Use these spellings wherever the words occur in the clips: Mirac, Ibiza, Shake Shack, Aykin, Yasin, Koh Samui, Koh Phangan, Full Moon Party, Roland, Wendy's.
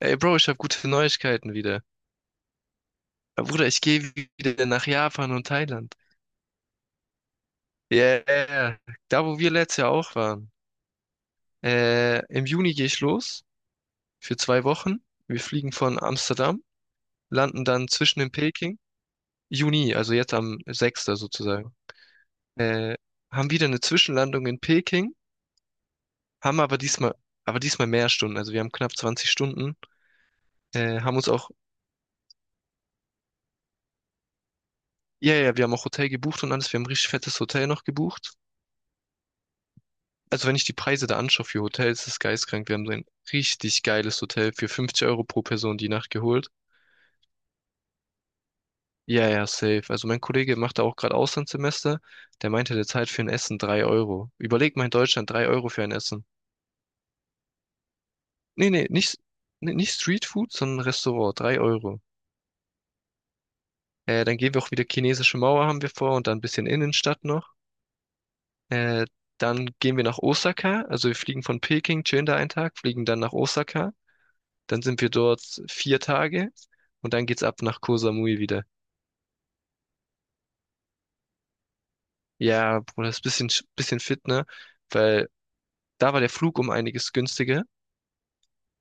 Ey, Bro, ich habe gute Neuigkeiten wieder. Ja, Bruder, ich gehe wieder nach Japan und Thailand. Yeah, da wo wir letztes Jahr auch waren. Im Juni gehe ich los für 2 Wochen. Wir fliegen von Amsterdam, landen dann zwischen in Peking. Juni, also jetzt am 6. sozusagen. Äh, Haben wieder eine Zwischenlandung in Peking, haben aber diesmal mehr Stunden. Also wir haben knapp 20 Stunden. Äh, haben uns auch, ja, ja, wir haben auch Hotel gebucht und alles. Wir haben ein richtig fettes Hotel noch gebucht. Also wenn ich die Preise da anschaue für Hotels, das ist geisteskrank. Wir haben so ein richtig geiles Hotel für 50 Euro pro Person die Nacht geholt. Ja, ja, safe. Also mein Kollege macht da auch gerade Auslandssemester. Der meinte, der zahlt für ein Essen 3 Euro. Überleg mal in Deutschland 3 Euro für ein Essen. Nee, nee, nicht Streetfood, sondern Restaurant, 3 Euro. Dann gehen wir auch wieder chinesische Mauer haben wir vor und dann ein bisschen Innenstadt noch. Äh, Dann gehen wir nach Osaka. Also wir fliegen von Peking, chillen da einen Tag, fliegen dann nach Osaka. Dann sind wir dort 4 Tage und dann geht's ab nach Koh Samui wieder. Ja, Bruder, ist ein bisschen, bisschen fit, ne? Weil da war der Flug um einiges günstiger.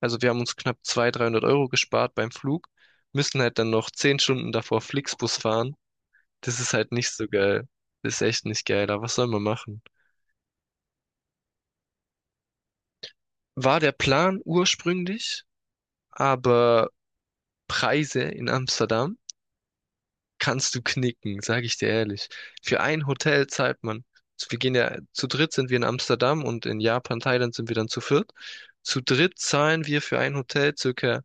Also wir haben uns knapp 200, 300 Euro gespart beim Flug, müssen halt dann noch 10 Stunden davor Flixbus fahren. Das ist halt nicht so geil. Das ist echt nicht geil, aber was soll man machen? War der Plan ursprünglich, aber Preise in Amsterdam kannst du knicken, sage ich dir ehrlich. Für ein Hotel zahlt man, wir gehen ja, zu dritt sind wir in Amsterdam und in Japan, Thailand sind wir dann zu viert. Zu dritt zahlen wir für ein Hotel circa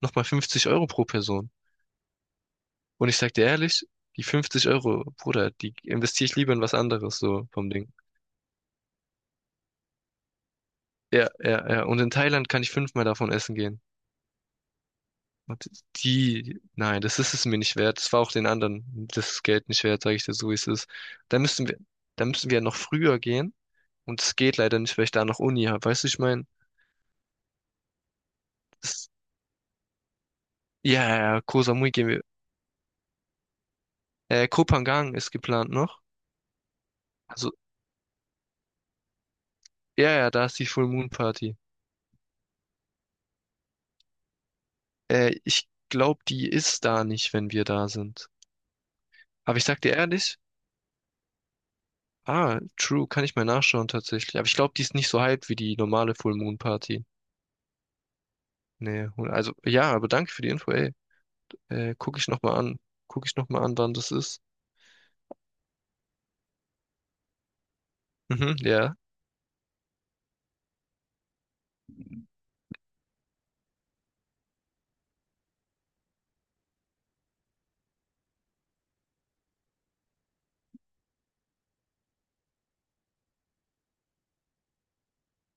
nochmal 50 Euro pro Person. Und ich sag dir ehrlich, die 50 Euro, Bruder, die investiere ich lieber in was anderes, so vom Ding. Ja, ja, ja. Und in Thailand kann ich fünfmal davon essen gehen. Und nein, das ist es mir nicht wert. Das war auch den anderen das Geld nicht wert, sage ich dir so, wie es ist. Da müssen wir, Da müssen wir ja noch früher gehen. Und es geht leider nicht, weil ich da noch Uni habe. Weißt du, ich meine, das, ja, ja, ja, Koh Samui gehen wir. Koh Phangan ist geplant noch. Also, ja, ja, da ist die Full Moon Party. Ich glaube, die ist da nicht, wenn wir da sind. Aber ich sag dir ehrlich, ah, true, kann ich mal nachschauen tatsächlich. Aber ich glaube, die ist nicht so hyped wie die normale Full Moon Party. Nee, also, ja, aber danke für die Info, ey. Guck ich nochmal an. Guck ich nochmal an, wann das ist. Mhm, ja.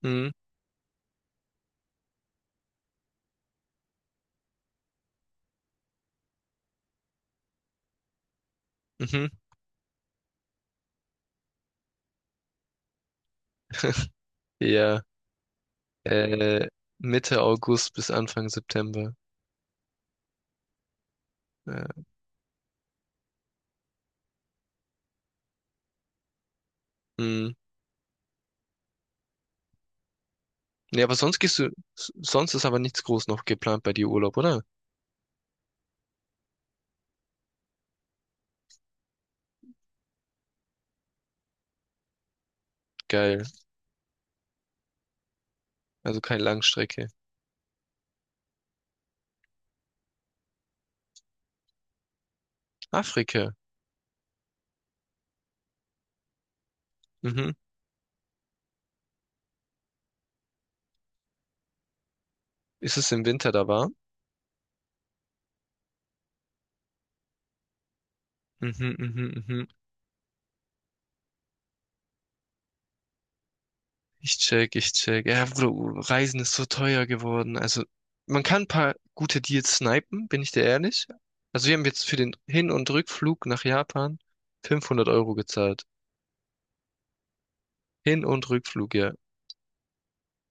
Mhm, mhm, ja. Äh, Mitte August bis Anfang September. Äh, mhm. Ja, aber sonst gehst du, s- sonst ist aber nichts groß noch geplant bei dir Urlaub, oder? Geil. Also keine Langstrecke. Afrika. Mhm. Ist es im Winter da warm? Mhm, mhm, mhm. Ich check, ich check. Ja, Bro, Reisen ist so teuer geworden. Also, man kann ein paar gute Deals snipen, bin ich dir ehrlich. Also, wir haben jetzt für den Hin- und Rückflug nach Japan 500 Euro gezahlt. Hin- und Rückflug, ja.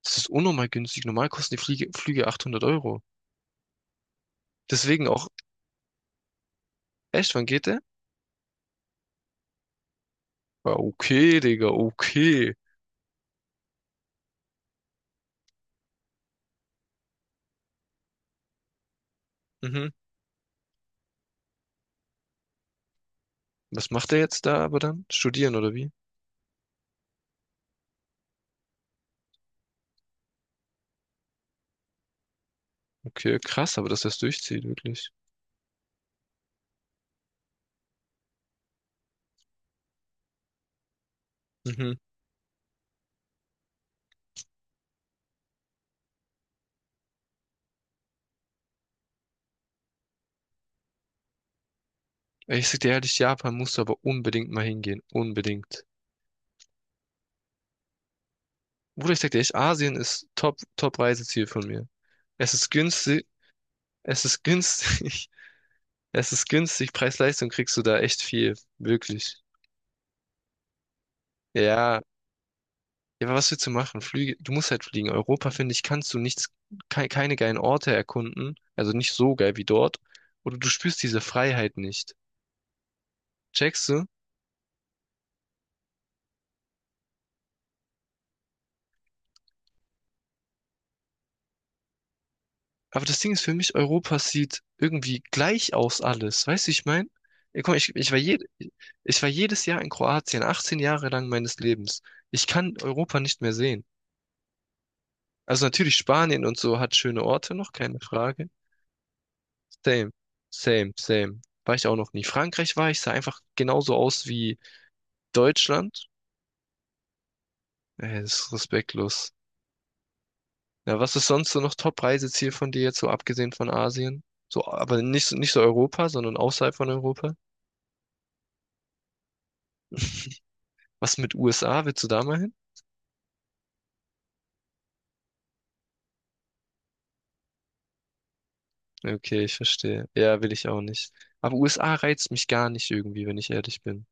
Das ist unnormal günstig. Normal kosten die Flüge 800 Euro. Deswegen auch, echt, wann geht der? Ja, okay, Digga, okay. Mhm. Was macht er jetzt da aber dann? Studieren oder wie? Okay, krass, aber dass das durchzieht, wirklich. Mhm. Ey, ich sag dir ehrlich, Japan musst du aber unbedingt mal hingehen. Unbedingt. Bruder, ich sag dir echt, Asien ist Top, Top-Reiseziel von mir. Es ist günstig, es ist günstig, es ist günstig, Preis-Leistung kriegst du da echt viel, wirklich. Ja, ja, aber was willst du machen? Flüge, du musst halt fliegen. Europa, finde ich, kannst du nichts, keine geilen Orte erkunden, also nicht so geil wie dort, oder du spürst diese Freiheit nicht. Checkst du? Aber das Ding ist für mich, Europa sieht irgendwie gleich aus alles. Weißt du, wie ich meine? Guck mal, ich war jedes Jahr in Kroatien, 18 Jahre lang meines Lebens. Ich kann Europa nicht mehr sehen. Also natürlich Spanien und so hat schöne Orte noch, keine Frage. Same, same, same. War ich auch noch nie. Frankreich war ich, sah einfach genauso aus wie Deutschland. Ey, das ist respektlos. Ja, was ist sonst so noch Top-Reiseziel von dir jetzt, so abgesehen von Asien? So, aber nicht so Europa, sondern außerhalb von Europa? Was mit USA? Willst du da mal hin? Okay, ich verstehe. Ja, will ich auch nicht. Aber USA reizt mich gar nicht irgendwie, wenn ich ehrlich bin.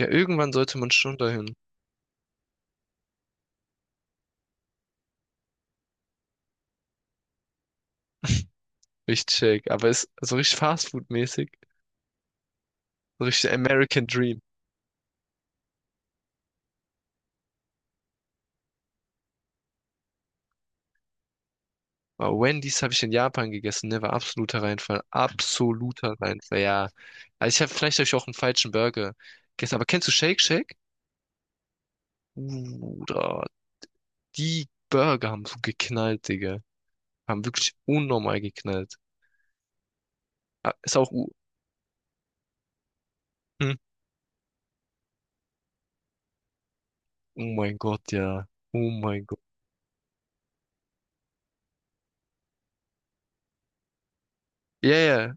Ja, irgendwann sollte man schon dahin. Ich check. Aber ist so richtig Fastfood-mäßig. So richtig American Dream. Aber Wendy's habe ich in Japan gegessen, ne? War absoluter Reinfall. Absoluter Reinfall, ja. Also ich habe vielleicht habe ich auch einen falschen Burger gegessen. Aber kennst du Shake Shack? Uh, da- Die Burger haben so geknallt, Digga. Haben wirklich unnormal geknallt. Ah, ist auch U. Hm? Oh mein Gott, ja. Oh mein Gott. Ja, ja.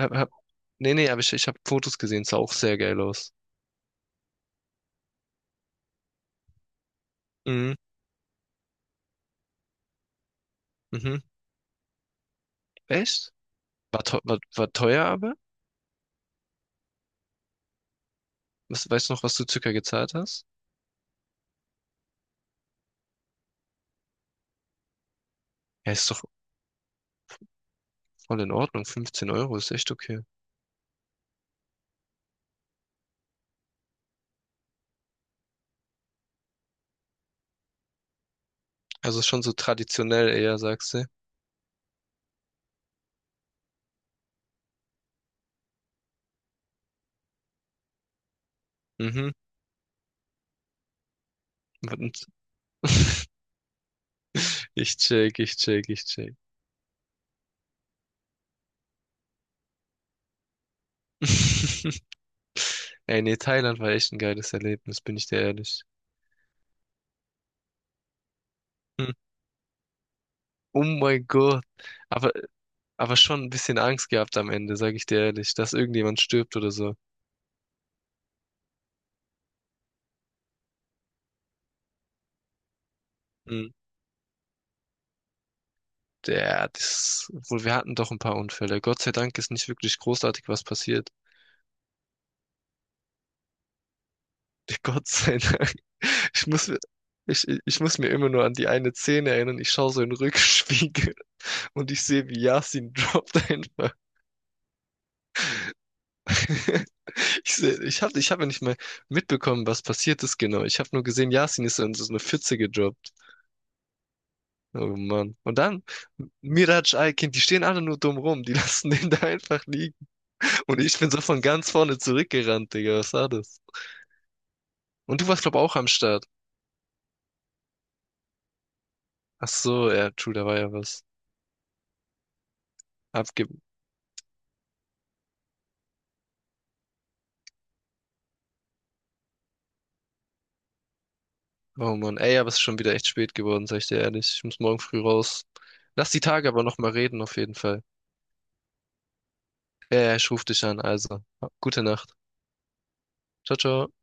Hab, hab, Nee, nee, aber ich habe Fotos gesehen. Sah auch sehr geil aus. Mhm. Mhm. Echt? War war teuer aber? Was, weißt du noch, was du circa gezahlt hast? Ja, ist doch voll in Ordnung. 15 Euro ist echt okay. Also ist schon so traditionell eher, sagst du. Mhm. Und- Ich check, ich check, ich check. Ey, nee, Thailand war echt ein geiles Erlebnis, bin ich dir ehrlich. Hm. Oh mein Gott. Aber aber schon ein bisschen Angst gehabt am Ende, sage ich dir ehrlich, dass irgendjemand stirbt oder so. Hm. Wir hatten doch ein paar Unfälle. Gott sei Dank ist nicht wirklich großartig was passiert. Gott sei Dank. Ich muss, mir- ich muss mir immer nur an die eine Szene erinnern. Ich schaue so in den Rückspiegel und ich sehe, wie Yasin droppt einfach. Ich sehe, ich hab ja nicht mal mitbekommen, was passiert ist genau. Ich habe nur gesehen, Yasin ist in so eine Pfütze gedroppt. Oh Mann. Und dann, Mirac, Aykin, die stehen alle nur dumm rum. Die lassen den da einfach liegen. Und ich bin so von ganz vorne zurückgerannt, Digga. Was war das? Und du warst, glaub auch am Start. Ach so, ja, true, da war ja was. Abge Oh Mann. Ey, aber es ist schon wieder echt spät geworden, sag ich dir ehrlich. Ich muss morgen früh raus. Lass die Tage aber nochmal reden, auf jeden Fall. Ja, ja, ich ruf dich an, also. Gute Nacht. Ciao, ciao.